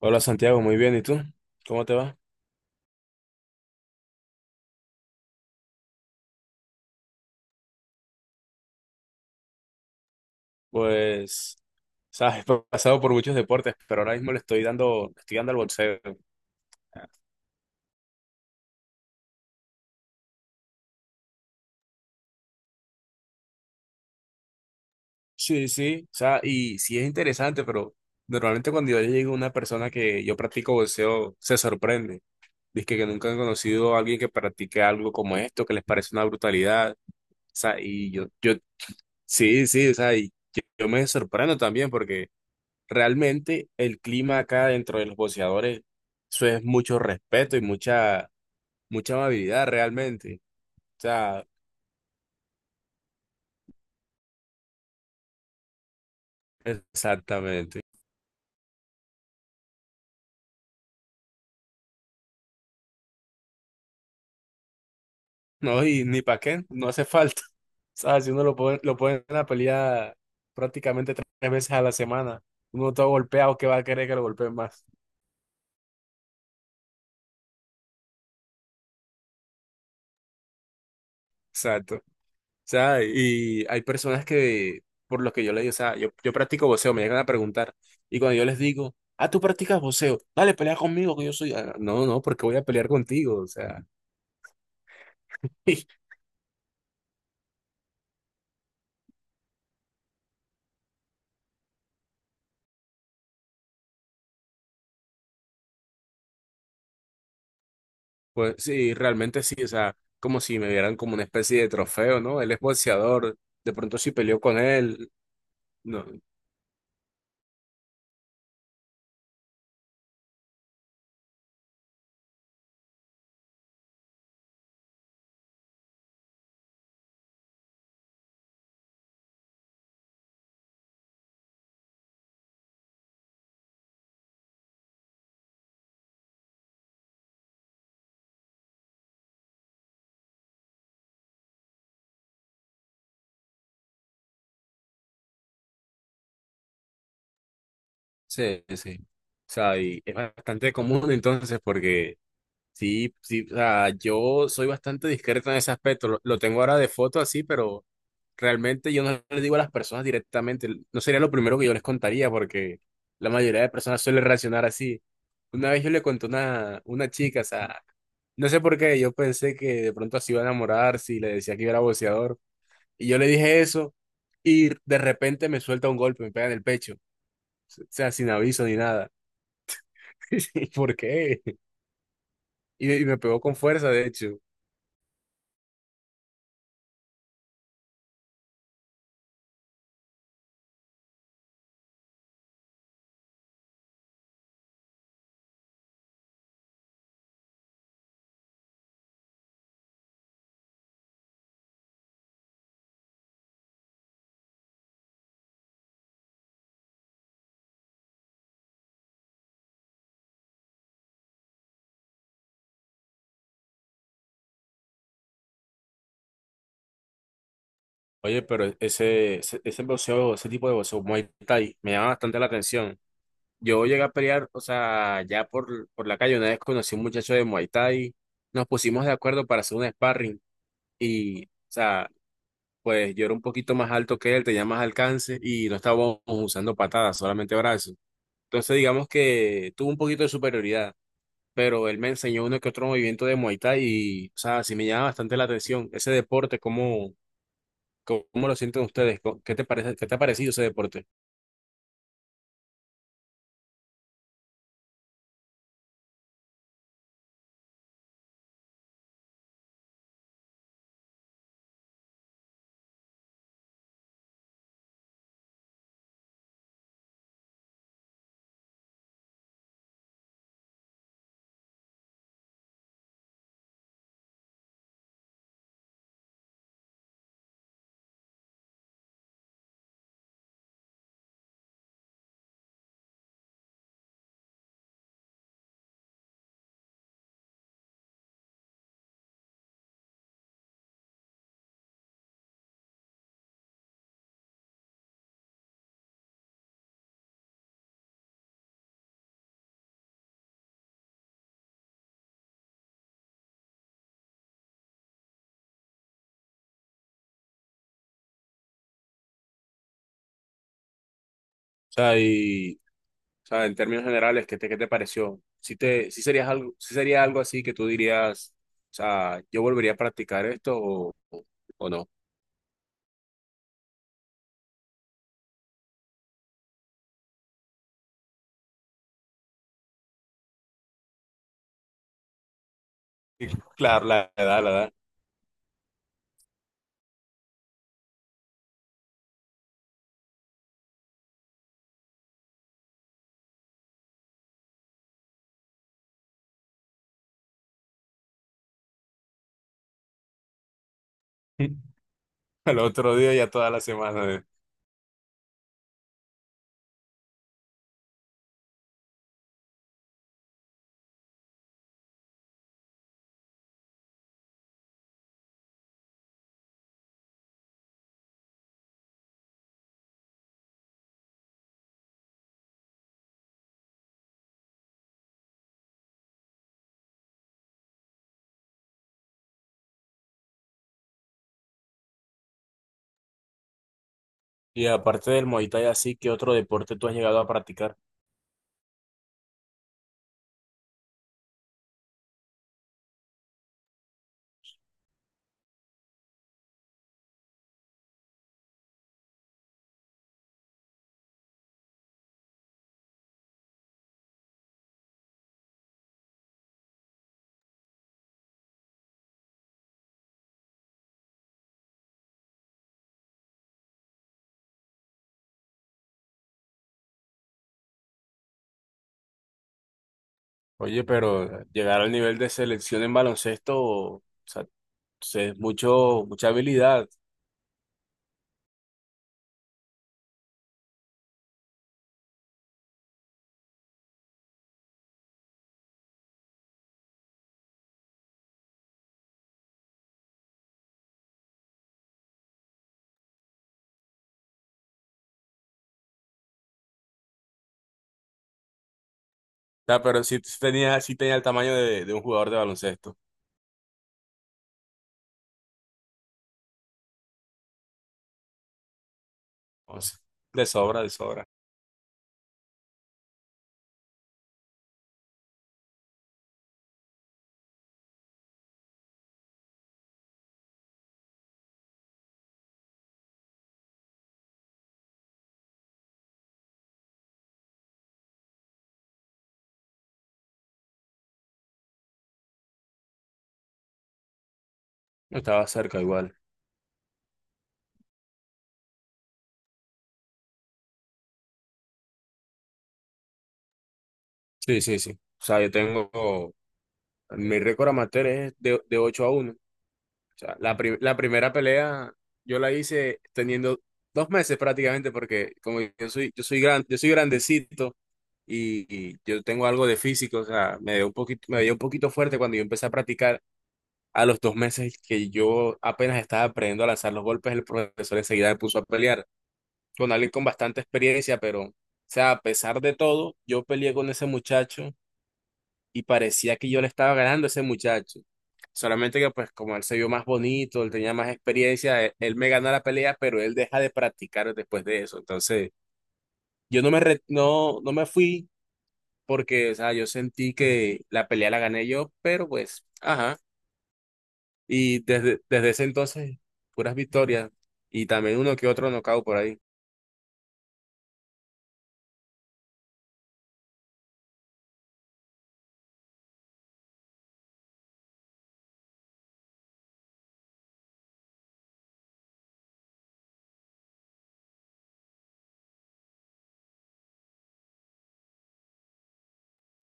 Hola Santiago, muy bien. ¿Y tú? ¿Cómo te va? Pues, sabes, he pasado por muchos deportes, pero ahora mismo le estoy dando al boxeo. Sí, sí, o sea, y sí es interesante, pero normalmente cuando yo llego a una persona que yo practico boxeo, se sorprende. Dice que nunca han conocido a alguien que practique algo como esto, que les parece una brutalidad. O sea, sí, sí, o sea, y yo me sorprendo también porque realmente el clima acá dentro de los boxeadores, eso es mucho respeto y mucha amabilidad realmente. O sea, exactamente. No, y ni para qué, no hace falta. O sea, si uno lo pone en la pelea prácticamente tres veces a la semana, uno todo golpeado, ¿qué va a querer que lo golpeen más? Exacto. O sea, y hay personas que, por lo que yo le digo, o sea, yo practico boxeo, me llegan a preguntar, y cuando yo les digo, ah, tú practicas boxeo, dale, pelea conmigo, que yo soy, "Ah, no, no, porque voy a pelear contigo, o sea." Pues sí, realmente sí, o sea, como si me vieran como una especie de trofeo, ¿no? Él es boxeador, de pronto si peleó con él, no, sí, sí. O sea, y es bastante común entonces porque sí, sí, o sea, yo soy bastante discreto en ese aspecto. Lo tengo ahora de foto así, pero realmente yo no les digo a las personas directamente. No sería lo primero que yo les contaría, porque la mayoría de personas suele reaccionar así. Una vez yo le conté a una chica, o sea, no sé por qué, yo pensé que de pronto así iba a enamorar si le decía que yo era boxeador. Y yo le dije eso, y de repente me suelta un golpe, me pega en el pecho. O sea, sin aviso ni nada. ¿Por qué? Y me pegó con fuerza, de hecho. Oye, pero ese boxeo, ese tipo de boxeo, Muay Thai, me llama bastante la atención. Yo llegué a pelear, o sea, ya por la calle, una vez conocí a un muchacho de Muay Thai, nos pusimos de acuerdo para hacer un sparring y, o sea, pues yo era un poquito más alto que él, tenía más alcance y no estábamos usando patadas, solamente brazos. Entonces, digamos que tuvo un poquito de superioridad, pero él me enseñó uno que otro movimiento de Muay Thai y, o sea, sí me llama bastante la atención ese deporte, como ¿cómo lo sienten ustedes? ¿Qué te parece, qué te ha parecido ese deporte? O sea, y, o sea, en términos generales, ¿qué te pareció? Si serías algo, si sería algo así que tú dirías, o sea, yo volvería a practicar esto o no. Y Claro, la edad, la edad. El otro día ya toda la semana. ¿Eh? Y aparte del Muay Thai, así, ¿qué otro deporte tú has llegado a practicar? Oye, pero llegar al nivel de selección en baloncesto, o sea, es mucho, mucha habilidad. Sea, pero sí tenía el tamaño de un jugador de baloncesto. Entonces, de sobra, de sobra. Estaba cerca igual. Sí, sí, sí. O sea, yo tengo, mi récord amateur es de 8-1. O sea, la primera pelea yo la hice teniendo 2 meses prácticamente porque como yo soy grandecito y yo tengo algo de físico, o sea, me dio un poquito fuerte cuando yo empecé a practicar. A los 2 meses que yo apenas estaba aprendiendo a lanzar los golpes, el profesor enseguida me puso a pelear con alguien con bastante experiencia, pero, o sea, a pesar de todo, yo peleé con ese muchacho y parecía que yo le estaba ganando a ese muchacho. Solamente que, pues, como él se vio más bonito, él tenía más experiencia, él me ganó la pelea, pero él deja de practicar después de eso. Entonces, yo no me, re- no, no me fui porque, o sea, yo sentí que la pelea la gané yo, pero pues, ajá. Y desde ese entonces, puras victorias y también uno que otro nocaut por ahí.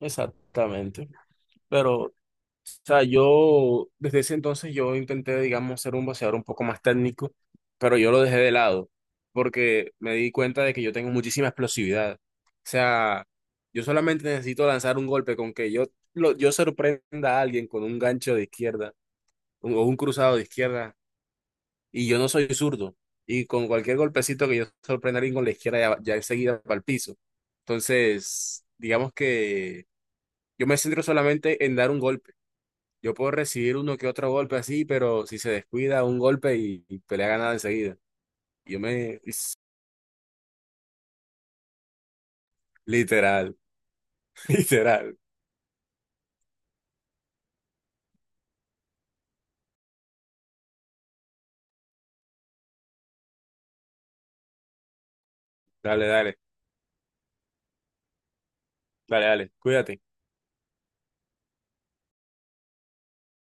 Exactamente. Pero sea, yo desde ese entonces yo intenté, digamos, ser un boxeador un poco más técnico, pero yo lo dejé de lado porque me di cuenta de que yo tengo muchísima explosividad. O sea, yo solamente necesito lanzar un golpe con que yo sorprenda a alguien con un gancho de izquierda o un cruzado de izquierda y yo no soy zurdo. Y con cualquier golpecito que yo sorprenda a alguien con la izquierda ya, ya enseguida para el piso. Entonces, digamos que yo me centro solamente en dar un golpe yo puedo recibir uno que otro golpe así, pero si se descuida, un golpe y pelea ganada enseguida. Yo me... Literal, literal. Dale, dale, dale, dale. Cuídate.